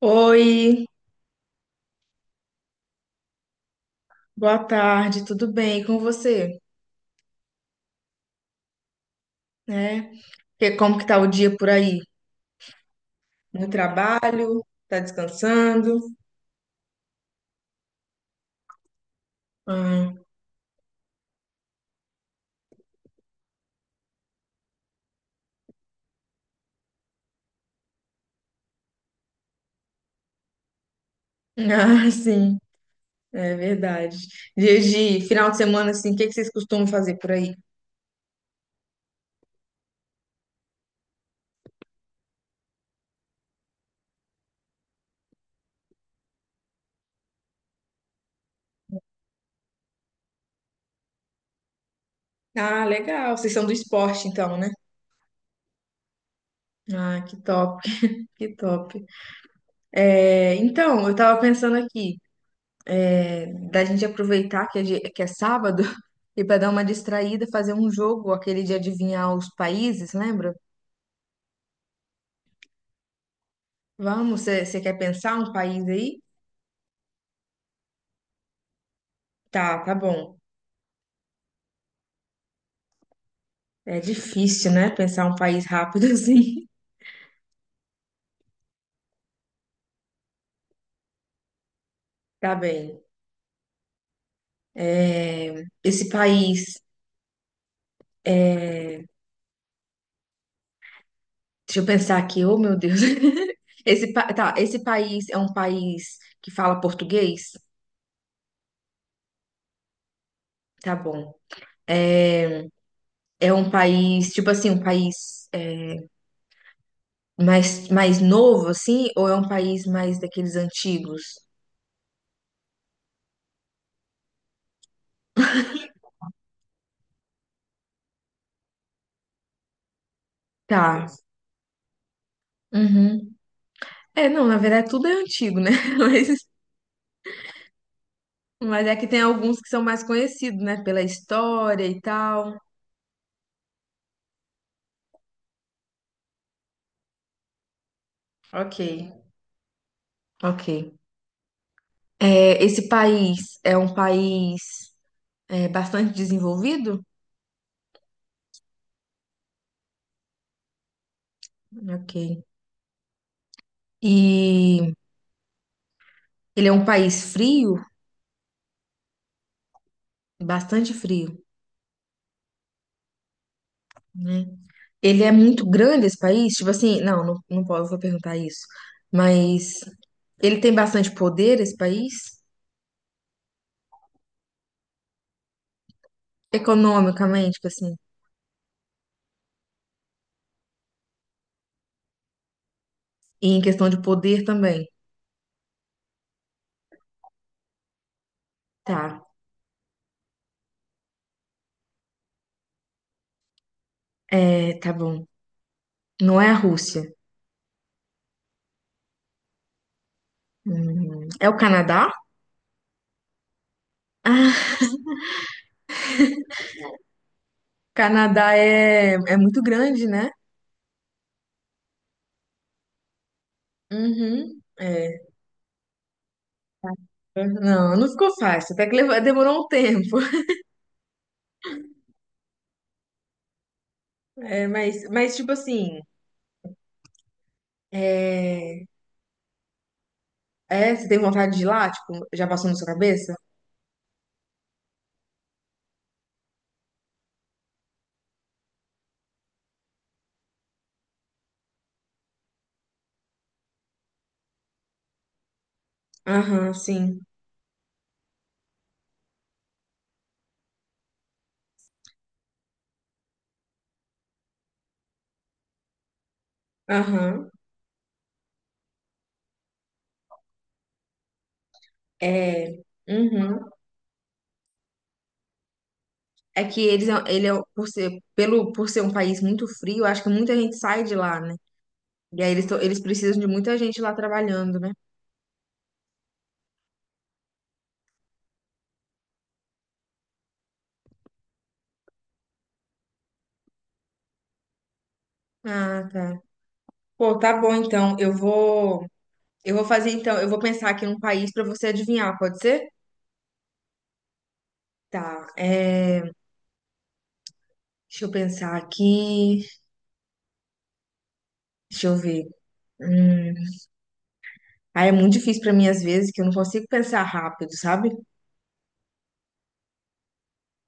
Oi, boa tarde, tudo bem? E com você? Né? Como que tá o dia por aí? No trabalho? Tá descansando? Ah, ah, sim, é verdade. Dia de final de semana, assim, o que que vocês costumam fazer por aí? Ah, legal. Vocês são do esporte, então, né? Ah, que top, que top. É, então, eu tava pensando aqui, é, da gente aproveitar que é, que é sábado e para dar uma distraída, fazer um jogo, aquele de adivinhar os países, lembra? Vamos, você quer pensar um país aí? Tá, tá bom. É difícil, né? Pensar um país rápido assim. Tá bem. É, esse país. Deixa eu pensar aqui, oh meu Deus. Esse, tá, esse país é um país que fala português? Tá bom. É é um país, tipo assim, um país é, mais novo, assim? Ou é um país mais daqueles antigos? Tá. Uhum. É, não, na verdade tudo é antigo, né? Mas. Mas é que tem alguns que são mais conhecidos, né? Pela história e tal. Ok, ok. É, esse país é um país é, bastante desenvolvido? Ok. E ele é um país frio, bastante frio, né? Ele é muito grande esse país? Tipo assim, não posso perguntar isso. Mas ele tem bastante poder, esse país? Economicamente, tipo assim. E em questão de poder também. Tá, é, tá bom. Não é a Rússia. É o Canadá? Ah, Canadá é, é muito grande, né? Uhum. É. Não, não ficou fácil. Até que demorou um tempo. É, mas, tipo assim, é, você tem vontade de ir lá? Tipo, já passou na sua cabeça? Aham, sim. Aham. É. Uhum. É que eles, ele é, por ser, pelo, por ser um país muito frio, acho que muita gente sai de lá, né? E aí eles, eles precisam de muita gente lá trabalhando, né? Ah, tá. Pô, tá bom então. Eu vou. Eu vou fazer então, eu vou pensar aqui num país pra você adivinhar, pode ser? Tá, é, deixa eu pensar aqui, deixa eu ver. Hum, ah, é muito difícil pra mim às vezes, que eu não consigo pensar rápido, sabe?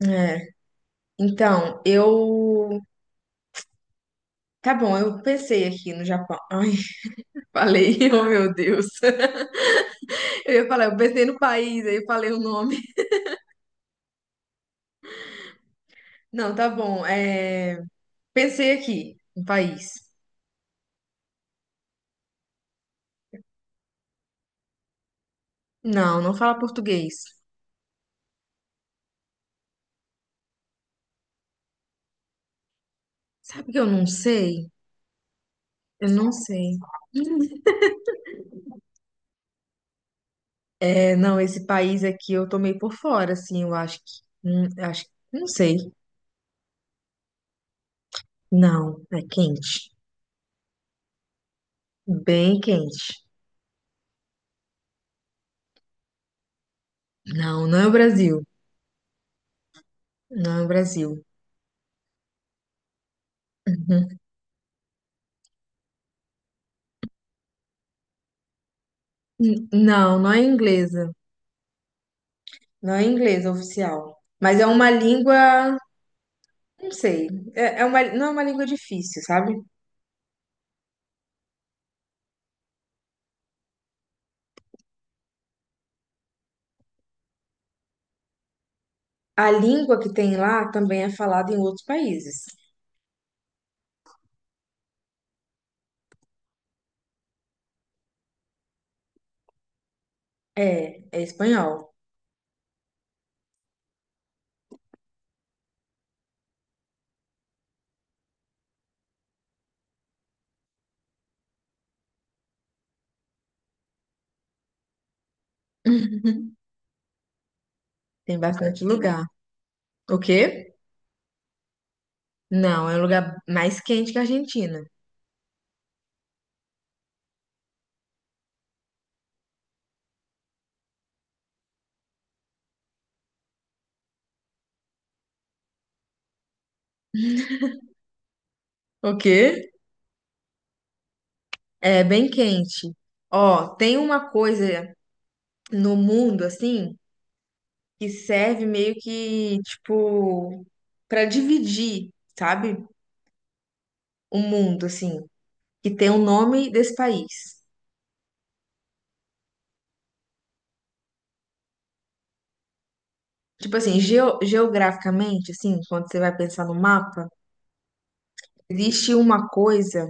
É, então, eu, tá bom, eu pensei aqui no Japão. Ai, falei, oh meu Deus. Eu ia falar, eu pensei no país, aí eu falei o nome. Não, tá bom, é, pensei aqui, no país. Não, não fala português. Sabe que eu não sei? Eu não sei. É, não, esse país aqui eu tomei por fora, assim, eu acho que, acho, não sei. Não, é quente, bem quente. Não, não é o Brasil, não é o Brasil. Uhum. Não, não é inglesa, não é inglesa oficial. Mas é uma língua, não sei, é uma, não é uma língua difícil, sabe? A língua que tem lá também é falada em outros países. É, é espanhol. Tem bastante lugar. O quê? Não, é um lugar mais quente que a Argentina. O quê? É bem quente. Ó, tem uma coisa no mundo assim que serve meio que tipo para dividir, sabe? O mundo assim, que tem o nome desse país. Tipo assim, geograficamente assim, quando você vai pensar no mapa, existe uma coisa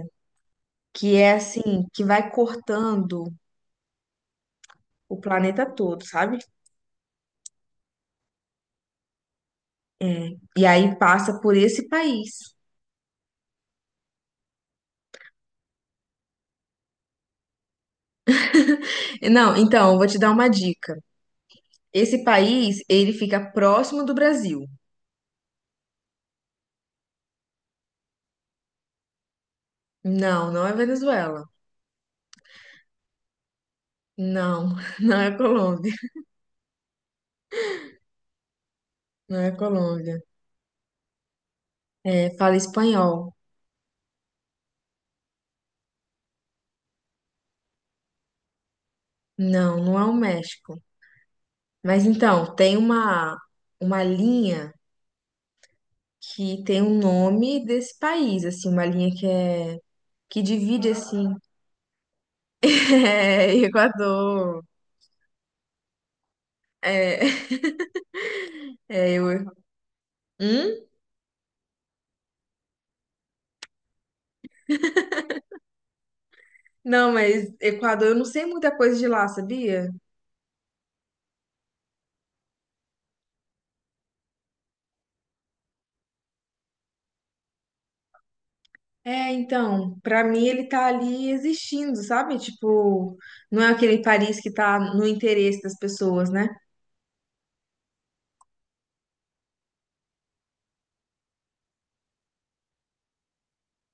que é assim, que vai cortando o planeta todo, sabe? É, e aí passa por esse país. Não, então, eu vou te dar uma dica. Esse país, ele fica próximo do Brasil. Não, não é Venezuela. Não, não é Colômbia. Não é Colômbia. É, fala espanhol. Não, não é o México. Mas então, tem uma linha que tem o nome desse país, assim, uma linha que é que divide assim, é, Equador. É, é eu. Hum? Não, mas Equador, eu não sei muita coisa de lá, sabia? É, então, pra mim ele tá ali existindo, sabe? Tipo, não é aquele Paris que tá no interesse das pessoas, né?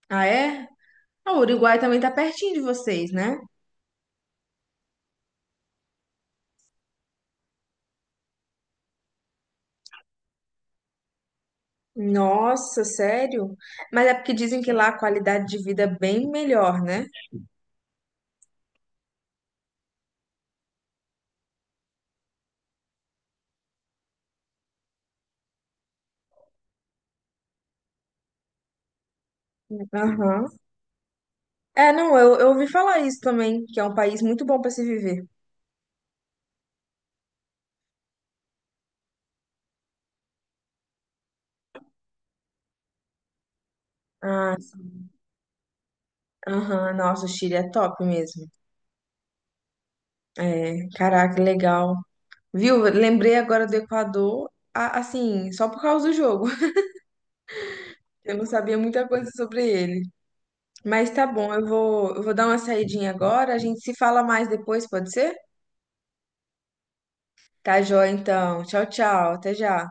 Ah, é? Ah, o Uruguai também tá pertinho de vocês, né? Nossa, sério? Mas é porque dizem que lá a qualidade de vida é bem melhor, né? Aham. É, não, eu ouvi falar isso também, que é um país muito bom pra se viver. Ah, sim. Aham, nossa, o Chile é top mesmo. É, caraca, legal. Viu? Lembrei agora do Equador, assim, só por causa do jogo. Eu não sabia muita coisa sobre ele. Mas tá bom, eu vou dar uma saidinha agora. A gente se fala mais depois, pode ser? Tá joia, então. Tchau, tchau. Até já.